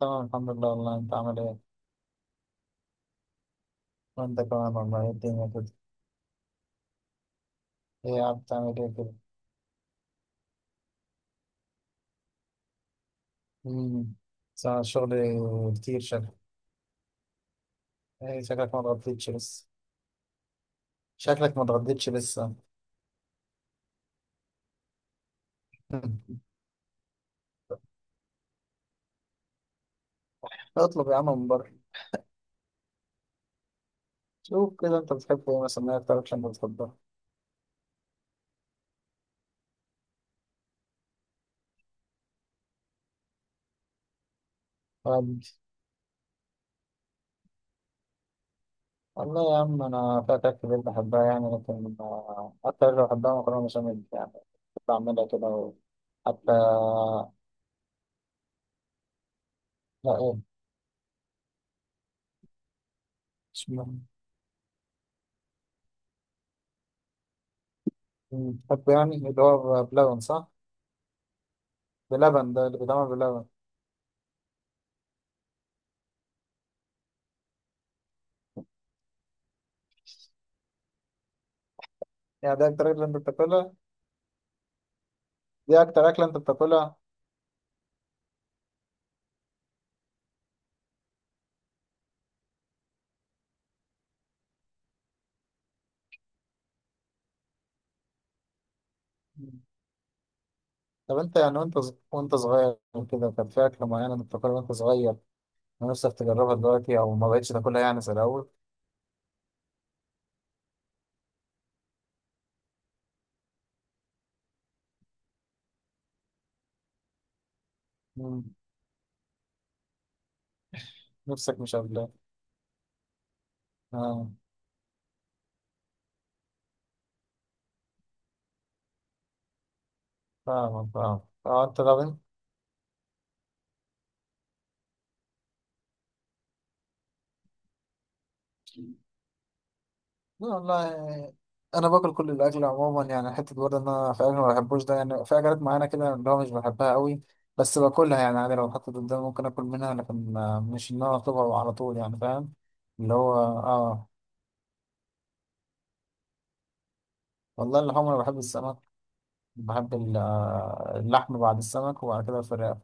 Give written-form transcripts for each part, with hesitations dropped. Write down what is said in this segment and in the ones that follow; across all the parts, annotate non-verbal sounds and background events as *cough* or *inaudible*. تمام، الحمد لله والله. انت عامل ايه؟ وانت كمان والله. ايه الدنيا كده. ايه يا عم بتعمل ايه كده؟ امم صار الشغل كتير شكلك. ايه شكلك ما اتغديتش لسه؟ شكلك ما اتغديتش لسه. *laughs* اطلب يا عم من بره. شوف كده انت بتحب ايه مثلا، ايه اكتر اكشن بتفضلها؟ طب، والله يا عم انا في اكلات كتير بحبها يعني، لكن اكتر اللي بحبها مكرونه بشاميل يعني. كنت بعملها كده حتى. لا ايه اسمه، بحب يعني اللي هو بلبن، صح؟ بلبن، ده اللي بيتعمل بلبن. يعني ده اكتر اكله انت بتاكلها؟ دي اكتر اكله انت بتاكلها؟ مم. طب انت يعني وانت صغير كده، كان في اكله معينه انت بتاكلها وانت صغير، نفسك تجربها دلوقتي او ما بقتش تاكلها يعني زي الاول؟ مم. نفسك مش قابلها. اه، فاهم فاهم. اه انت، طب انت، لا والله انا باكل كل الاكل عموما يعني. حته برضه ان انا في اكل ما بحبوش ده، يعني في اكلات معينه كده اللي هو مش بحبها قوي، بس باكلها يعني عادي. لو اتحطت قدامي ممكن اكل منها، لكن مش ان انا اطلبها على طول يعني، فاهم؟ اللي هو اه، والله اللحوم انا بحب السمك. بحب اللحم بعد السمك، وبعد كده الفراخ.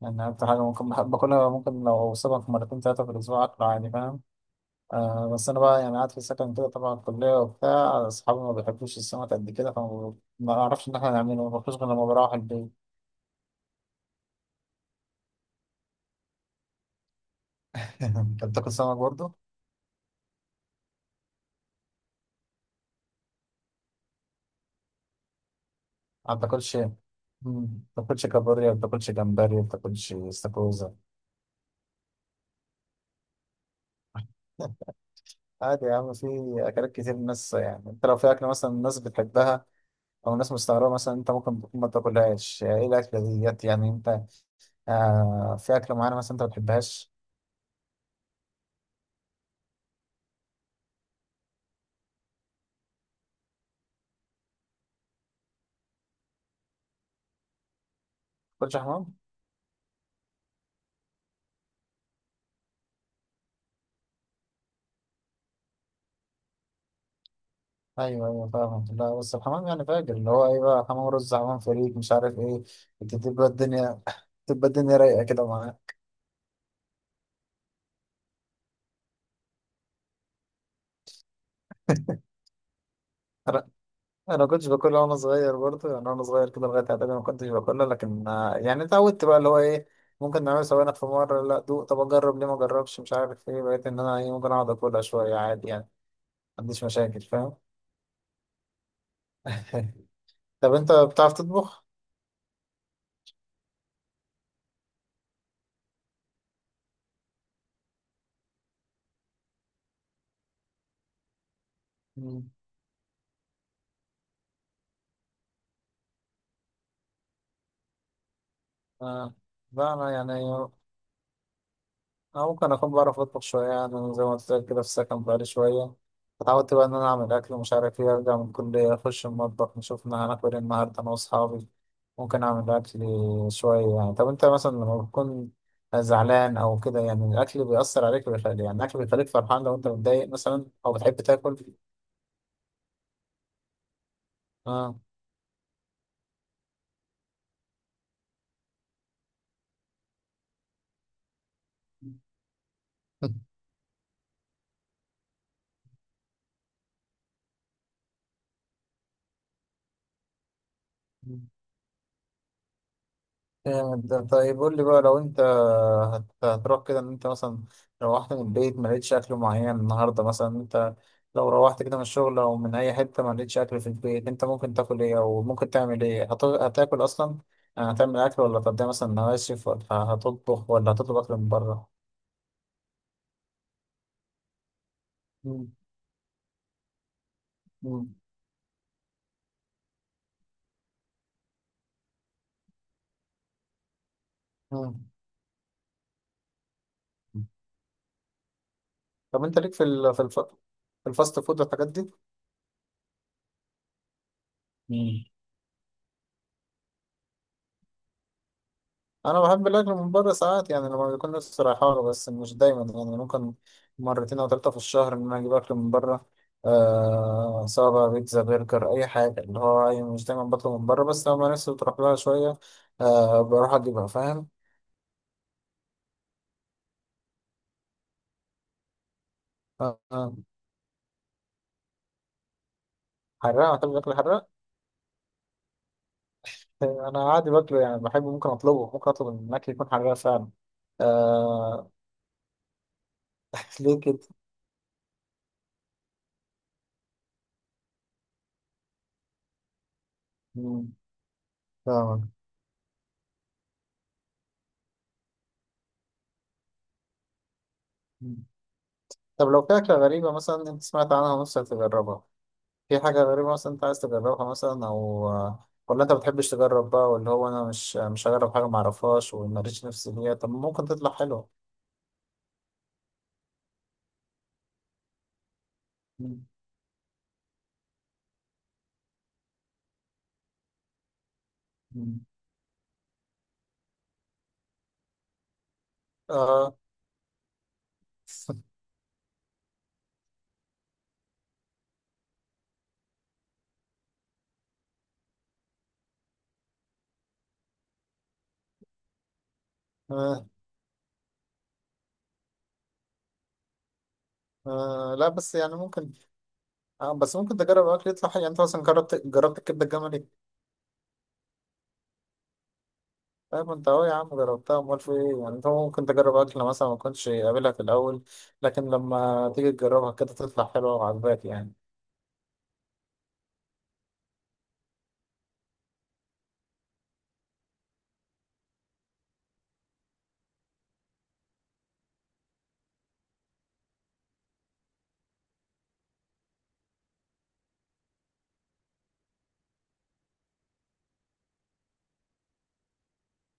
يعني اكتر حاجه ممكن بحب باكلها، ممكن لو سمك مرتين ثلاثه في الاسبوع اكله عادي، فاهم؟ آه، بس انا بقى يعني قاعد في السكن كده طبعا الكليه وبتاع، اصحابي ما بيحبوش السمك قد كده، فما ما اعرفش ان احنا نعمله، ما باكلوش غير لما بروح البيت. *laughs* انت بتاكل سمك برضه؟ ما بتاكلش، ما بتاكلش كابوريا، ما بتاكلش جمبري، ما بتاكلش استاكوزا. *laughs* عادي يا عم، في اكلات كتير الناس يعني، انت لو في اكله مثلا الناس بتحبها او الناس مستغربه مثلا، انت ممكن تكون ما تاكلهاش. ايه الاكله ديت يعني، انت آه، في اكله معينه مثلا انت ما بتحبهاش؟ ما بتاكلش حمام؟ ايوه ايوه فاهم. لا بس الحمام يعني فاجر، اللي هو ايه بقى، حمام رز، حمام فريك، مش عارف ايه. بتبقى الدنيا *laughs* بتبقى الدنيا رايقه كده معاه. انا كنتش باكلها وانا صغير برضه يعني، وانا صغير كده لغايه اعدادي ما كنتش باكلها، لكن يعني اتعودت بقى اللي هو ايه، ممكن نعمل سوينا في مره، لا دوق، طب اجرب، ليه ما اجربش؟ مش عارف ايه، بقيت ان انا ايه، ممكن اقعد اكلها شويه عادي يعني، ما عنديش مشاكل، فاهم؟ *laughs* طب انت بتعرف تطبخ؟ مم. آه. لا انا يعني، أنا ممكن أكون بعرف أطبخ شوية يعني. أنا زي ما قلت لك كده، في السكن بقالي شوية اتعودت بقى إن أنا أعمل أكل ومش عارف إيه، أرجع من الكلية أخش المطبخ نشوف إن هناكل إيه النهاردة أنا وأصحابي، ممكن أعمل أكل شوية يعني. طب أنت مثلا لما بتكون زعلان أو كده، يعني الأكل بيأثر عليك ويخلي، يعني الأكل بيخليك فرحان لو أنت متضايق مثلا، أو بتحب تاكل؟ آه. *laughs* جامد ده. طيب قول لي بقى، لو انت هتروح كده، ان انت مثلا روحت من البيت ما لقيتش اكل معين النهارده مثلا، انت لو روحت كده من الشغل او من اي حته ما لقيتش اكل في البيت، انت ممكن تاكل ايه او ممكن تعمل ايه؟ هتاكل اصلا يعني، هتعمل اكل ولا هتقضيها مثلا نواشف، ولا هتطبخ، ولا هتطلب اكل من بره؟ مم. مم. مم. طب انت ليك في في الفاست فود والحاجات دي؟ انا بحب الاكل من بره ساعات يعني، لما بيكون نفسي رايحه له، بس مش دايما يعني. ممكن مرتين او ثلاثه في الشهر ان انا اجيب اكل من بره. آه، سواء بقى بيتزا، برجر، اي حاجه اللي هو يعني، مش دايما بطلب من بره، بس لما نفسي بتروح لها شويه آه، بروح اجيبها، فاهم؟ آه آه. حراق، بتحب الاكل الحراق؟ آه، انا عادي باكله يعني، بحبه، ممكن اطلبه، ممكن اطلب ان الاكل يكون حراق فعلا. آه. *laughs* ليه كده؟ مم، فاهمك. مم. طب لو في أكلة غريبة مثلا أنت سمعت عنها ونفسك تجربها، في حاجة غريبة مثلا أنت عايز تجربها مثلا؟ أو ولا أنت بتحبش تجرب بقى، واللي هو أنا مش مش هجرب حاجة معرفهاش ومريتش نفسي فيها، طب ممكن تطلع حلوة. مم. مم. آه. *laughs* آه. آه، لا بس يعني ممكن. آه، بس ممكن تجرب أكل يطلع حلو يعني. أنت مثلا جربت، جربت الكبدة الجملي. طيب أنت أهو يا عم جربتها، أمال في إيه يعني، أنت ممكن تجرب أكل مثلا ما كنتش قابلها في الأول، لكن لما تيجي تجربها كده تطلع حلوة وعجباك يعني.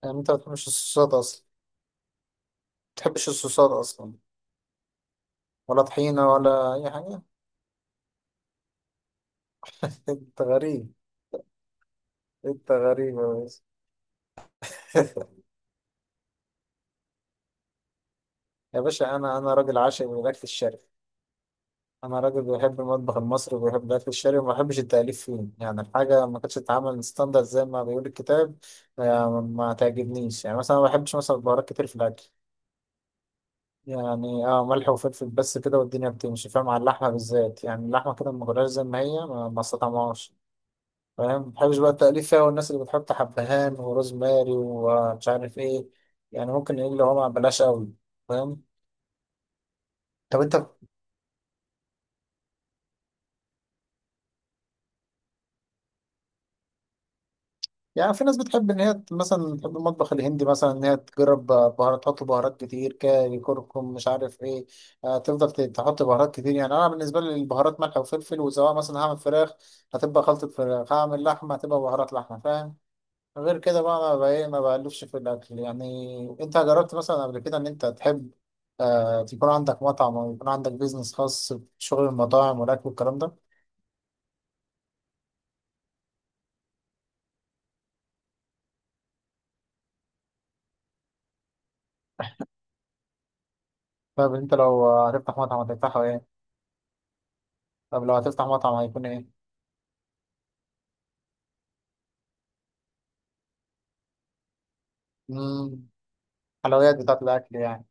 يعني أنت ما بتحبش الصوصات أصلا، ما بتحبش الصوصات أصلا؟ ولا طحينة ولا أي حاجة؟ *laughs* أنت غريب. أنت غريب يا باشا. *laughs* يا باشا، أنا راجل عاشق للأكل الشرقي. أنا راجل بيحب المطبخ المصري وبيحب الأكل الشرقي، وما بحبش التأليف فيه يعني. الحاجة ما كانتش تتعمل ستاندرد زي ما بيقول الكتاب ما تعجبنيش يعني. مثلا ما بحبش مثلا بهارات كتير في الأكل، يعني اه ملح وفلفل بس كده والدنيا بتمشي، فاهم؟ على اللحمة بالذات يعني، اللحمة كده ما غلاش زي ما هي، ما استطعمهاش، فاهم؟ ما بحبش بقى التأليف فيها، والناس اللي بتحط حبهان وروزماري ومش عارف ايه، يعني ممكن ايه اللي هو ما بلاش قوي، فاهم؟ طب انت يعني، في ناس بتحب ان هي مثلا، تحب المطبخ الهندي مثلا، ان هي تجرب بهارات، تحط بهارات كتير، كاري، كركم، مش عارف ايه. آه، تفضل تحط بهارات كتير يعني. انا بالنسبه لي البهارات ملح وفلفل، وسواء مثلا هعمل فراخ هتبقى خلطه فراخ، هعمل لحمه هتبقى بهارات لحمه، فاهم؟ غير كده بقى انا بقى ايه، ما بألفش في الاكل يعني. انت جربت مثلا قبل كده ان انت تحب آه، تكون عندك مطعم او يكون عندك بيزنس خاص بشغل المطاعم والاكل والكلام ده؟ طب انت لو هتفتح مطعم هتفتحه ايه؟ طب لو هتفتح مطعم هيكون ايه؟ امم حلويات بتاعت الاكل يعني؟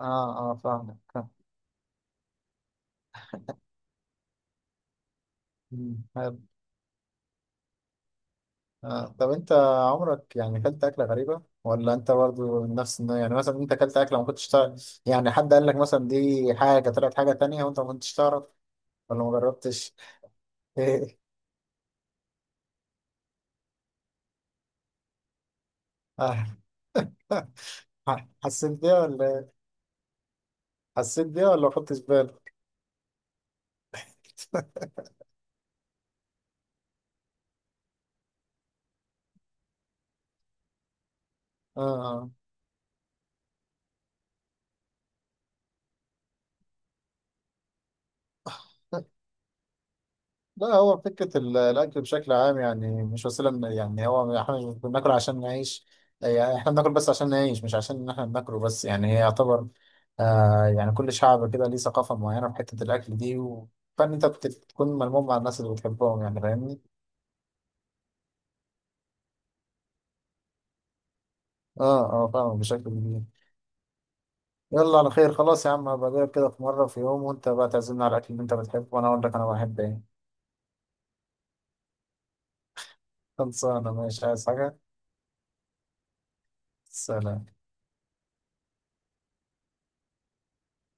اه اه فاهمك آه، مم، حلو. آه. طب انت عمرك يعني اكلت اكله غريبه، ولا انت برضو نفس يعني، مثلا انت اكلت اكله ما كنتش تعرف، يعني حد قال لك مثلا دي حاجه طلعت حاجه تانية وانت ما كنتش تعرف، ولا ما جربتش؟ ايه. آه. *laughs* حسيت بيها ولا إيه؟ حسيت بيها ولا ما خدتش بالك؟ *laughs* اه، آه. لا هو فكرة الأكل بشكل عام يعني مش وسيلة يعني، هو احنا مش بناكل عشان نعيش، يعني احنا بناكل بس عشان نعيش، مش عشان إن احنا بناكله بس يعني. هي يعتبر آه يعني، كل شعب كده ليه ثقافة معينة في حتة الأكل دي، و- فإن أنت بتكون ملموم مع الناس اللي بتحبهم يعني، فاهمني؟ اه اه فاهم بشكل كبير. يلا على خير خلاص يا عم، هبقى أجيلك كده في مرة في يوم وأنت بقى تعزمنا على الأكل اللي أنت بتحبه وأنا أقول لك أنا بحب إيه. خلصانة، ماشي، عايز حاجة؟ سلام.